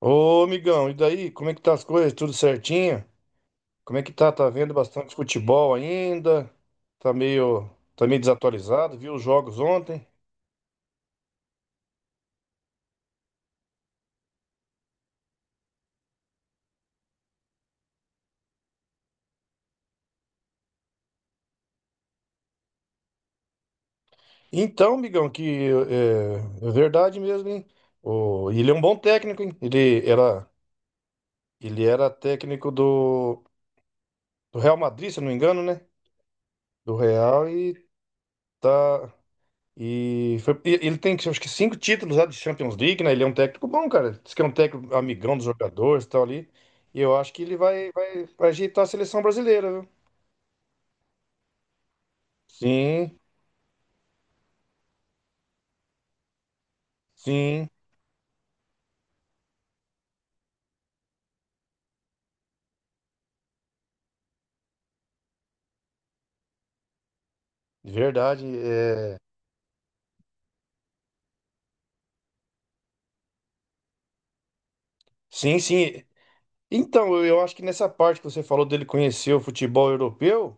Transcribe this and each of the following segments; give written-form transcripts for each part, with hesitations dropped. Ô, amigão, e daí? Como é que tá as coisas? Tudo certinho? Como é que tá? Tá vendo bastante futebol ainda? Tá meio, tá meio desatualizado, viu os jogos ontem? Então, amigão, que é verdade mesmo, hein? O, ele é um bom técnico, hein? Ele era técnico do Real Madrid, se eu não me engano, né? Do Real e tá. Ele tem, acho que, cinco títulos lá de Champions League, né? Ele é um técnico bom, cara. Diz que é um técnico amigão dos jogadores e tal ali. E eu acho que ele vai ajeitar a seleção brasileira, viu? Sim, sim, verdade. É. Sim, sim. Então, eu acho que nessa parte que você falou dele conhecer o futebol europeu,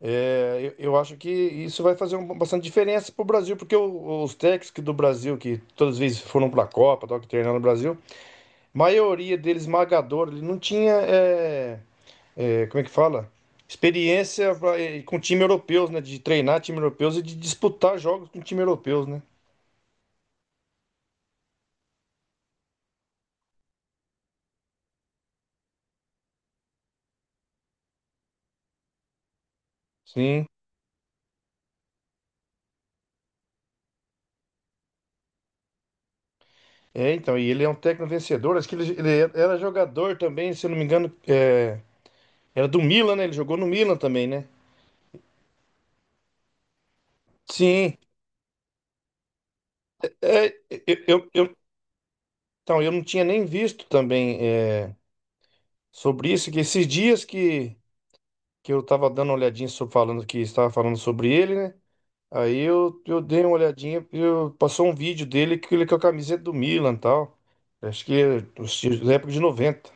é, eu acho que isso vai fazer bastante diferença para o Brasil, porque os técnicos que do Brasil, que todas as vezes foram para a Copa, tal, que treinaram no Brasil, maioria deles esmagadora, ele não tinha. Como é que fala? Experiência com time europeus, né? De treinar time europeus e de disputar jogos com time europeus, né? Sim. É, então, e ele é um técnico vencedor. Acho que ele era jogador também, se eu não me engano, é, era do Milan, né? Ele jogou no Milan também, né? Sim, é, eu, eu, eu- então, eu não tinha nem visto também é, sobre isso, que esses dias que eu estava dando uma olhadinha sobre, falando que estava falando sobre ele, né? Aí eu dei uma olhadinha, passou um vídeo dele que ele com a camiseta do Milan e tal. Acho que é da época de 90.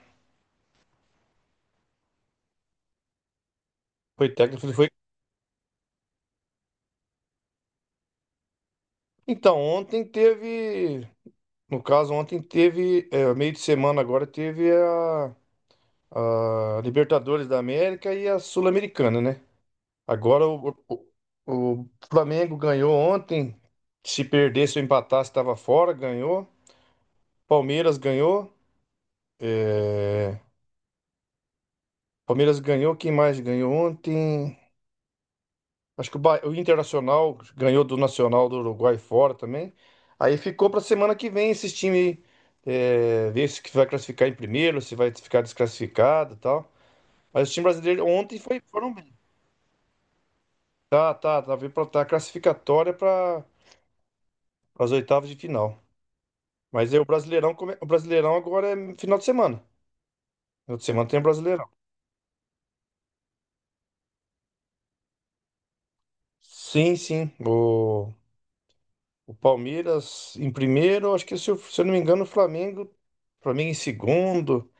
Foi técnico, ele foi. Então, ontem teve. No caso, ontem teve. Meio de semana agora teve a Libertadores da América e a Sul-Americana, né? Agora o Flamengo ganhou ontem. Se perdesse ou empatasse, estava fora, ganhou. Palmeiras ganhou. É, Palmeiras ganhou. Quem mais ganhou ontem? Acho que o Internacional ganhou do Nacional do Uruguai fora também. Aí ficou para semana que vem esses times, ver se que vai classificar em primeiro, se vai ficar desclassificado e tal. Mas o time brasileiro ontem foi, foram bem. Tá, tá, tá, tá classificatória para as oitavas de final. Mas aí o Brasileirão, o Brasileirão agora é final de semana. Final de semana tem o Brasileirão. Sim, sim. O Palmeiras em primeiro, acho que se eu não me engano, o Flamengo em segundo.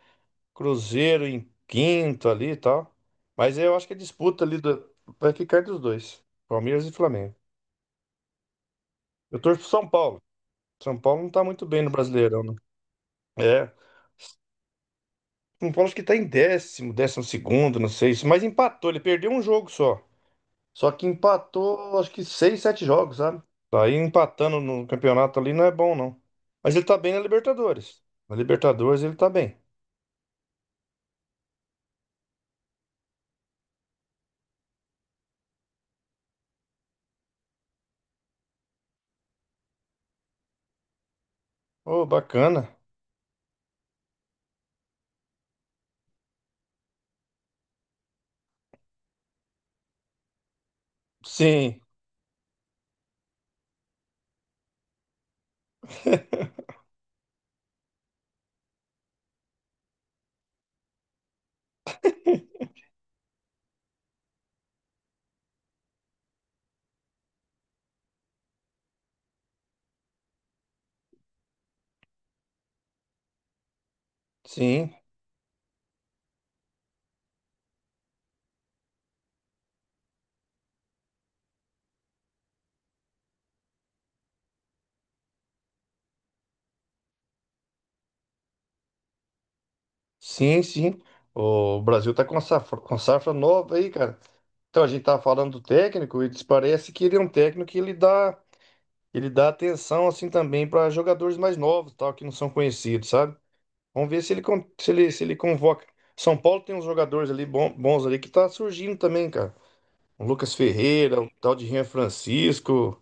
Cruzeiro em quinto ali e tal. Mas eu acho que é disputa ali do... Vai ficar entre os dois, Palmeiras e Flamengo. Eu torço pro São Paulo. São Paulo não tá muito bem no Brasileirão, né? É. São Paulo acho que tá em décimo, décimo segundo, não sei. Mas empatou, ele perdeu um jogo só. Só que empatou, acho que seis, sete jogos, sabe? Tá, aí empatando no campeonato ali não é bom, não. Mas ele tá bem na Libertadores. Na Libertadores ele tá bem. Ô, bacana. Sim, sim. Sim, sim. O Brasil tá com safra nova aí, cara. Então a gente tava falando do técnico e parece que ele é um técnico que ele dá atenção assim também para jogadores mais novos, tal, que não são conhecidos, sabe? Vamos ver se ele convoca. São Paulo tem uns jogadores ali bons ali que tá surgindo também, cara. O Lucas Ferreira, um tal de Rian Francisco,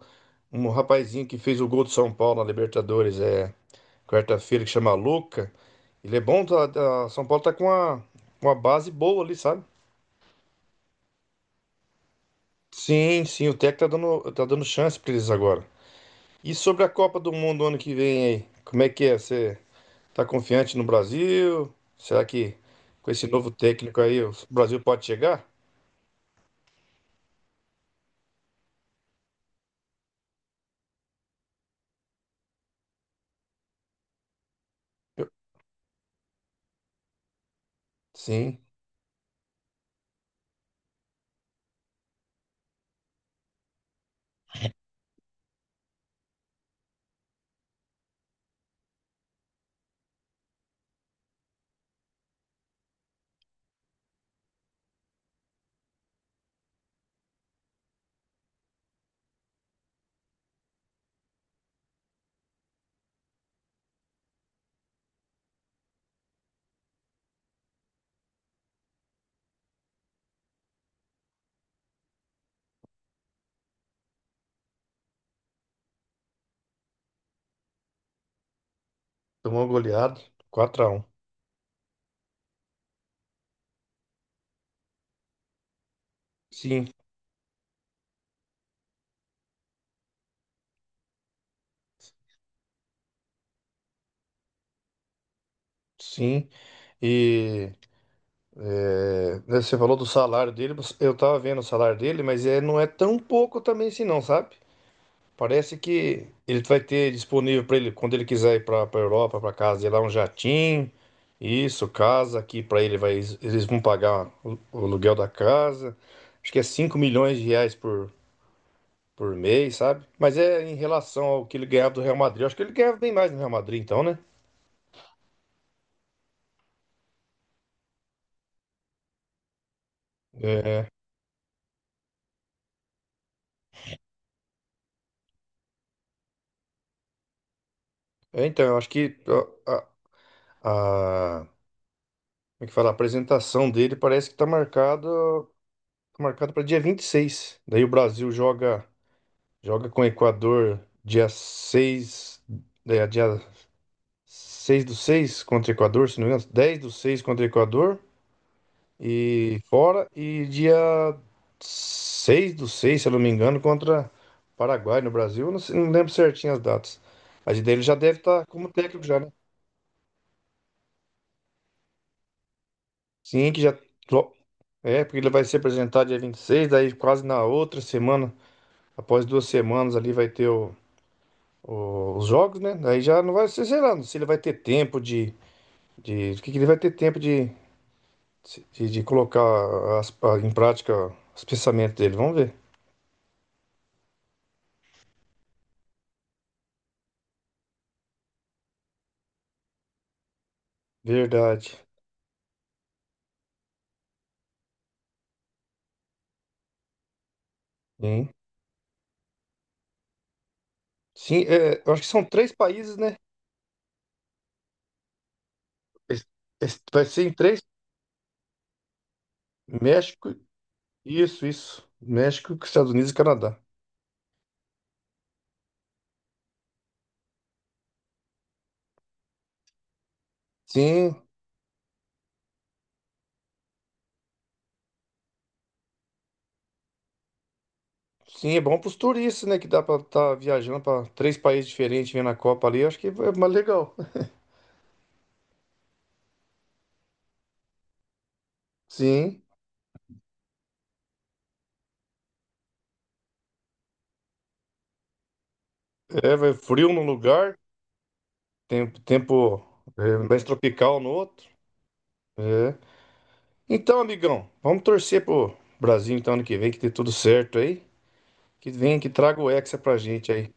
um rapazinho que fez o gol do São Paulo na Libertadores, é quarta-feira, que chama Luca. Ele é bom. São Paulo tá com uma base boa ali, sabe? Sim, sim, o Tec tá dando chance pra eles agora. E sobre a Copa do Mundo ano que vem aí? Como é que é? Você tá confiante no Brasil? Será que com esse novo técnico aí o Brasil pode chegar? Eu- Sim, tomou goleado, 4-1. Sim, sim. E, né, você falou do salário dele, eu tava vendo o salário dele, mas é, não é tão pouco também assim, não, sabe? Parece que ele vai ter disponível para ele quando ele quiser ir para a Europa, para casa dele lá, um jatinho. Isso, casa aqui para ele vai eles vão pagar o aluguel da casa. Acho que é R$ 5 milhões por mês, sabe? Mas é em relação ao que ele ganhava do Real Madrid. Eu acho que ele ganhava bem mais no Real Madrid, então, né? É, então, eu acho que a, a- a- como é que fala? A apresentação dele parece que tá marcado para dia 26. Daí o Brasil joga. Joga com o Equador dia 6 do 6 contra o Equador, se não me engano, 10/6 contra o Equador e fora, e dia 6/6, se eu não me engano, contra Paraguai no Brasil. Eu não, sei- Não lembro certinho as datas. Mas dele já deve estar como técnico já, né? Sim, que já porque ele vai se apresentar dia 26, daí quase na outra semana, após 2 semanas ali vai ter os jogos, né? Daí já não vai ser, sei lá, não sei se ele vai ter tempo de que ele vai ter tempo de colocar em prática os pensamentos dele. Vamos ver. Verdade. Sim. Sim, é, eu acho que são três países, né? Es- Vai ser em três. México, isso, isso. México, Estados Unidos e Canadá. Sim, sim, é bom para os turistas, né? Que dá para estar viajando para três países diferentes, vendo a Copa ali. Acho que é mais legal. Sim, é, vai frio num lugar, tempo é mais tropical no outro. É. Então, amigão, vamos torcer pro Brasil então ano que vem, que dê tudo certo aí. Que venha, que traga o Hexa pra gente aí.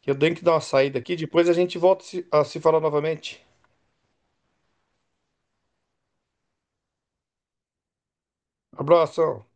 Que eu tenho que dar uma saída aqui, depois a gente volta a se falar novamente. Abração.